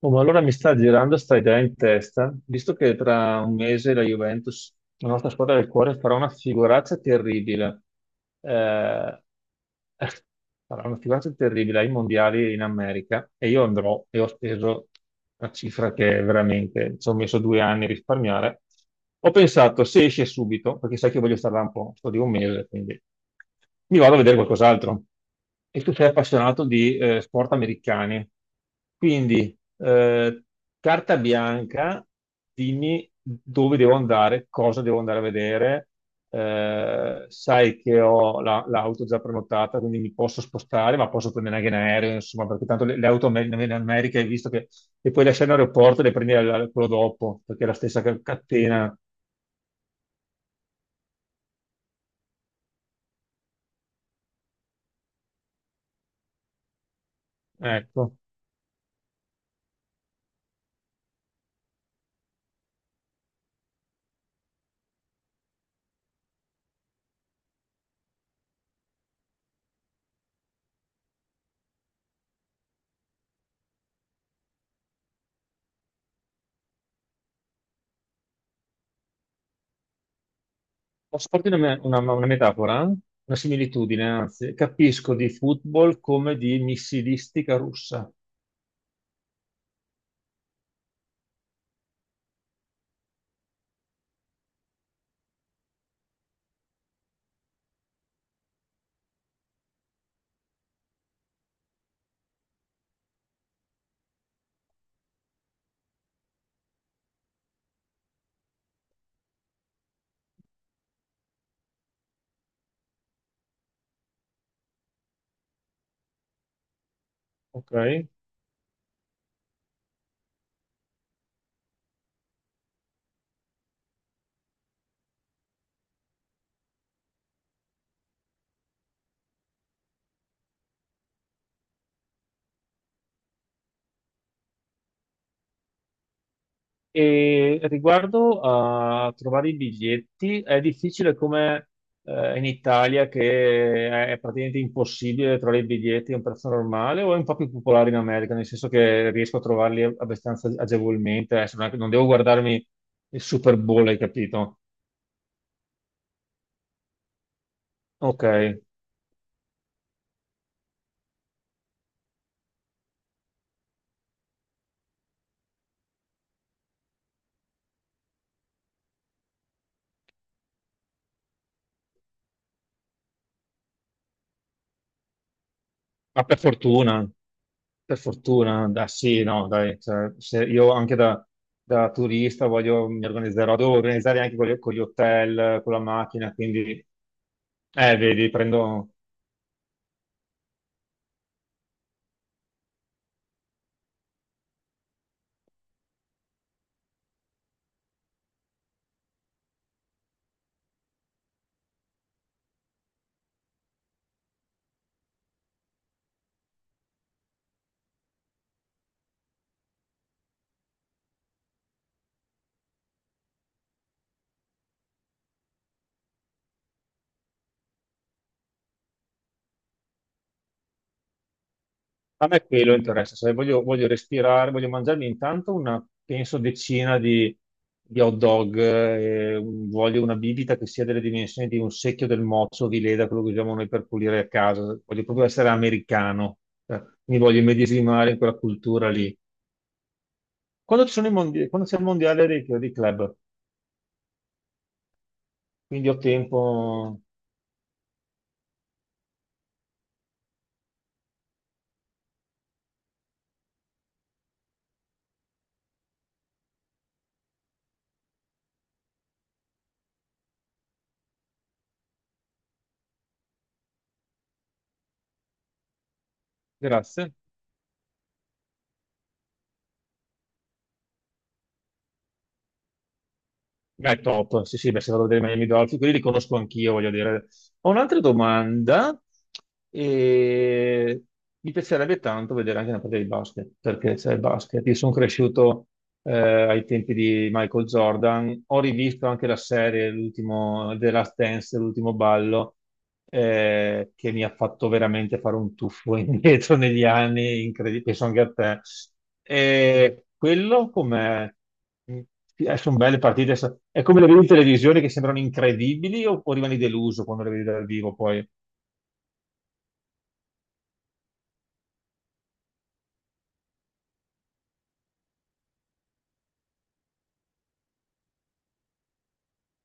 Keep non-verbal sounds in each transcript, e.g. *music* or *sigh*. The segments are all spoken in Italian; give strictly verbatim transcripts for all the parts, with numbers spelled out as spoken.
Oh, ma allora mi sta girando sta idea in testa, visto che tra un mese la Juventus, la nostra squadra del cuore, farà una figuraccia terribile. Eh, *laughs* farà una figuraccia terribile ai mondiali in America e io andrò e ho speso una cifra che veramente ci ho messo due anni a risparmiare. Ho pensato, se esce subito, perché sai che voglio stare là un po', sto di un mese, quindi mi vado a vedere qualcos'altro. E tu sei appassionato di eh, sport americani. Quindi, eh, carta bianca, dimmi dove devo andare, cosa devo andare a vedere. Eh, sai che ho la- l'auto già prenotata, quindi mi posso spostare, ma posso prendere anche in aereo, insomma, perché tanto le, le auto amer- in America hai visto che le puoi lasciare in aeroporto e le prendi al- al- quello dopo, perché è la stessa ca- catena. Ecco. Posso farti una, me- una- una metafora? Una similitudine, anzi. Capisco di football come di missilistica russa, ok? E riguardo a trovare i biglietti, è difficile come eh, in Italia che è, è praticamente impossibile trovare i biglietti a un prezzo normale o è un po' più popolare in America, nel senso che riesco a trovarli abbastanza agevolmente, adesso non è che- non devo guardarmi il Super Bowl, hai capito? Ok, ma per fortuna. Per fortuna, dai, sì, no, dai, cioè, se io anche da, da, turista voglio, mi organizzerò, devo organizzare anche con gli, con gli hotel, con la macchina, quindi, eh, vedi, prendo, a me quello interessa, se voglio, voglio respirare, voglio mangiarmi intanto una, penso, decina di, di hot dog, eh, voglio una bibita che sia delle dimensioni di un secchio del mozzo di Leda, quello che usiamo noi per pulire a casa, voglio proprio essere americano, cioè, mi voglio immedesimare in quella cultura lì. Quando ci sono i mondiali, quando c'è il mondiale dei, dei club, quindi ho tempo. Grazie. Beh, top. Sì, sì, beh, se vado a vedere i Miami Dolphins, quelli li conosco anch'io, voglio dire. Ho un'altra domanda e mi piacerebbe tanto vedere anche una partita di basket, perché c'è il basket. Io sono cresciuto eh, ai tempi di Michael Jordan. Ho rivisto anche la serie, l'ultimo The Last Dance, l'ultimo ballo, eh, che mi ha fatto veramente fare un tuffo *laughs* indietro negli anni, incredibile, penso anche a te. E quello come sono belle partite, sa- è come le vedi in televisione che sembrano incredibili o, o rimani deluso quando le vedi dal vivo poi?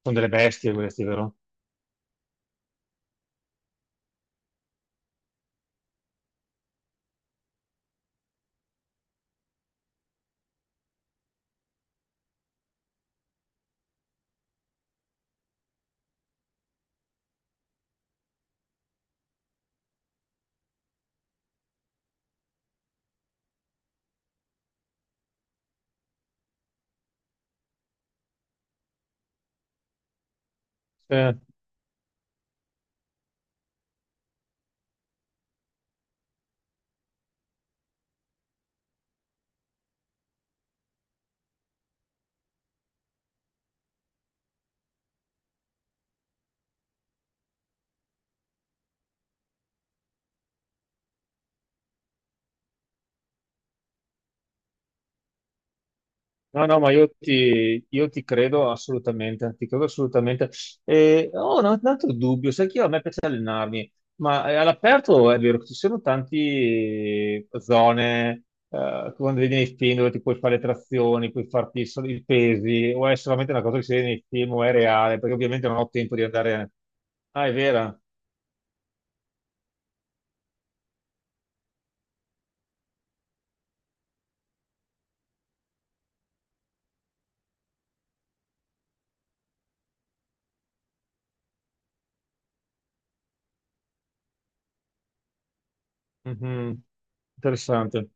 Sono delle bestie queste, vero? No, no, ma io ti, io ti credo assolutamente, ti credo assolutamente. E ho un, un altro dubbio, sai che io- a me piace allenarmi, ma eh, all'aperto è vero che ci sono tante zone, eh, quando vedi nei film dove ti puoi fare le trazioni, puoi farti solo i pesi, o è solamente una cosa che si vede nei film o è reale, perché ovviamente non ho tempo di andare... Ah, è vera? Mhm. Interessante,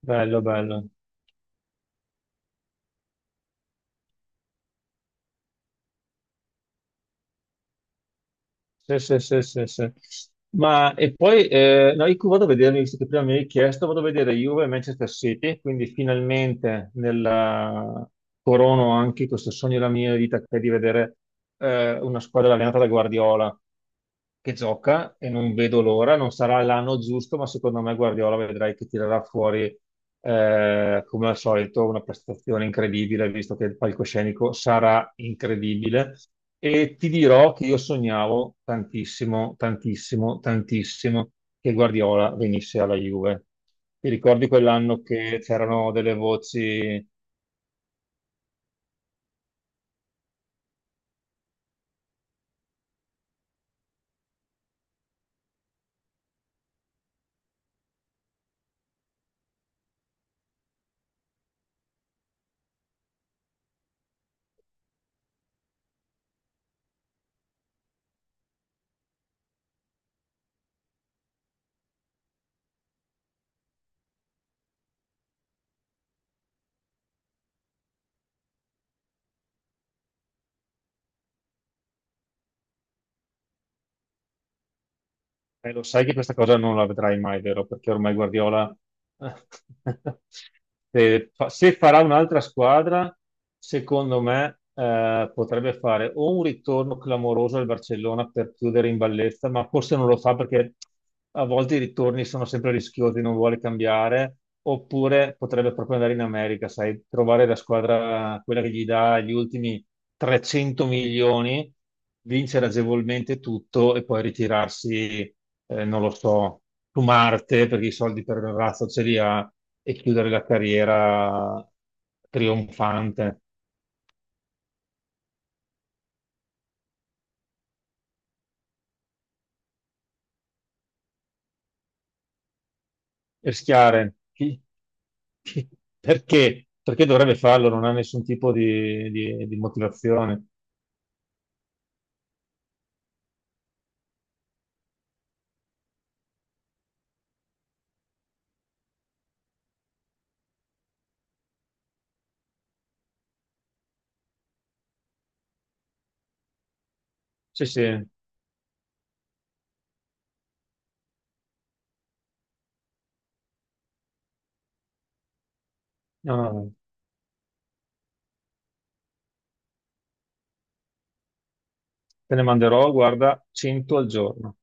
bello, bello. Sì, sì, sì, sì, sì. Ma e poi eh, no, io vado a vedere, visto che prima mi hai chiesto, vado a vedere Juve e Manchester City, quindi finalmente nella- corono anche questo sogno della mia vita che è di vedere eh, una squadra allenata da Guardiola che gioca e non vedo l'ora. Non sarà l'anno giusto, ma secondo me Guardiola vedrai che tirerà fuori, eh, come al solito, una prestazione incredibile, visto che il palcoscenico sarà incredibile. E ti dirò che io sognavo tantissimo, tantissimo, tantissimo che Guardiola venisse alla Juve. Ti ricordi quell'anno che c'erano delle voci. Eh, lo sai che questa cosa non la vedrai mai, vero? Perché ormai Guardiola, *laughs* se, fa- se farà un'altra squadra, secondo me, eh, potrebbe fare o un ritorno clamoroso al Barcellona per chiudere in bellezza, ma forse non lo fa perché a volte i ritorni sono sempre rischiosi, non vuole cambiare, oppure potrebbe proprio andare in America, sai, trovare la squadra, quella che gli dà gli ultimi 300 milioni, vincere agevolmente tutto e poi ritirarsi, eh, non lo so, su Marte perché i soldi per il razzo ce li ha e chiudere la carriera trionfante. Rischiare. Chi- chi- Perché? Perché dovrebbe farlo? Non ha nessun tipo di di- di motivazione. Sì, sì, no, no, no. Te ne manderò, guarda, cento al giorno.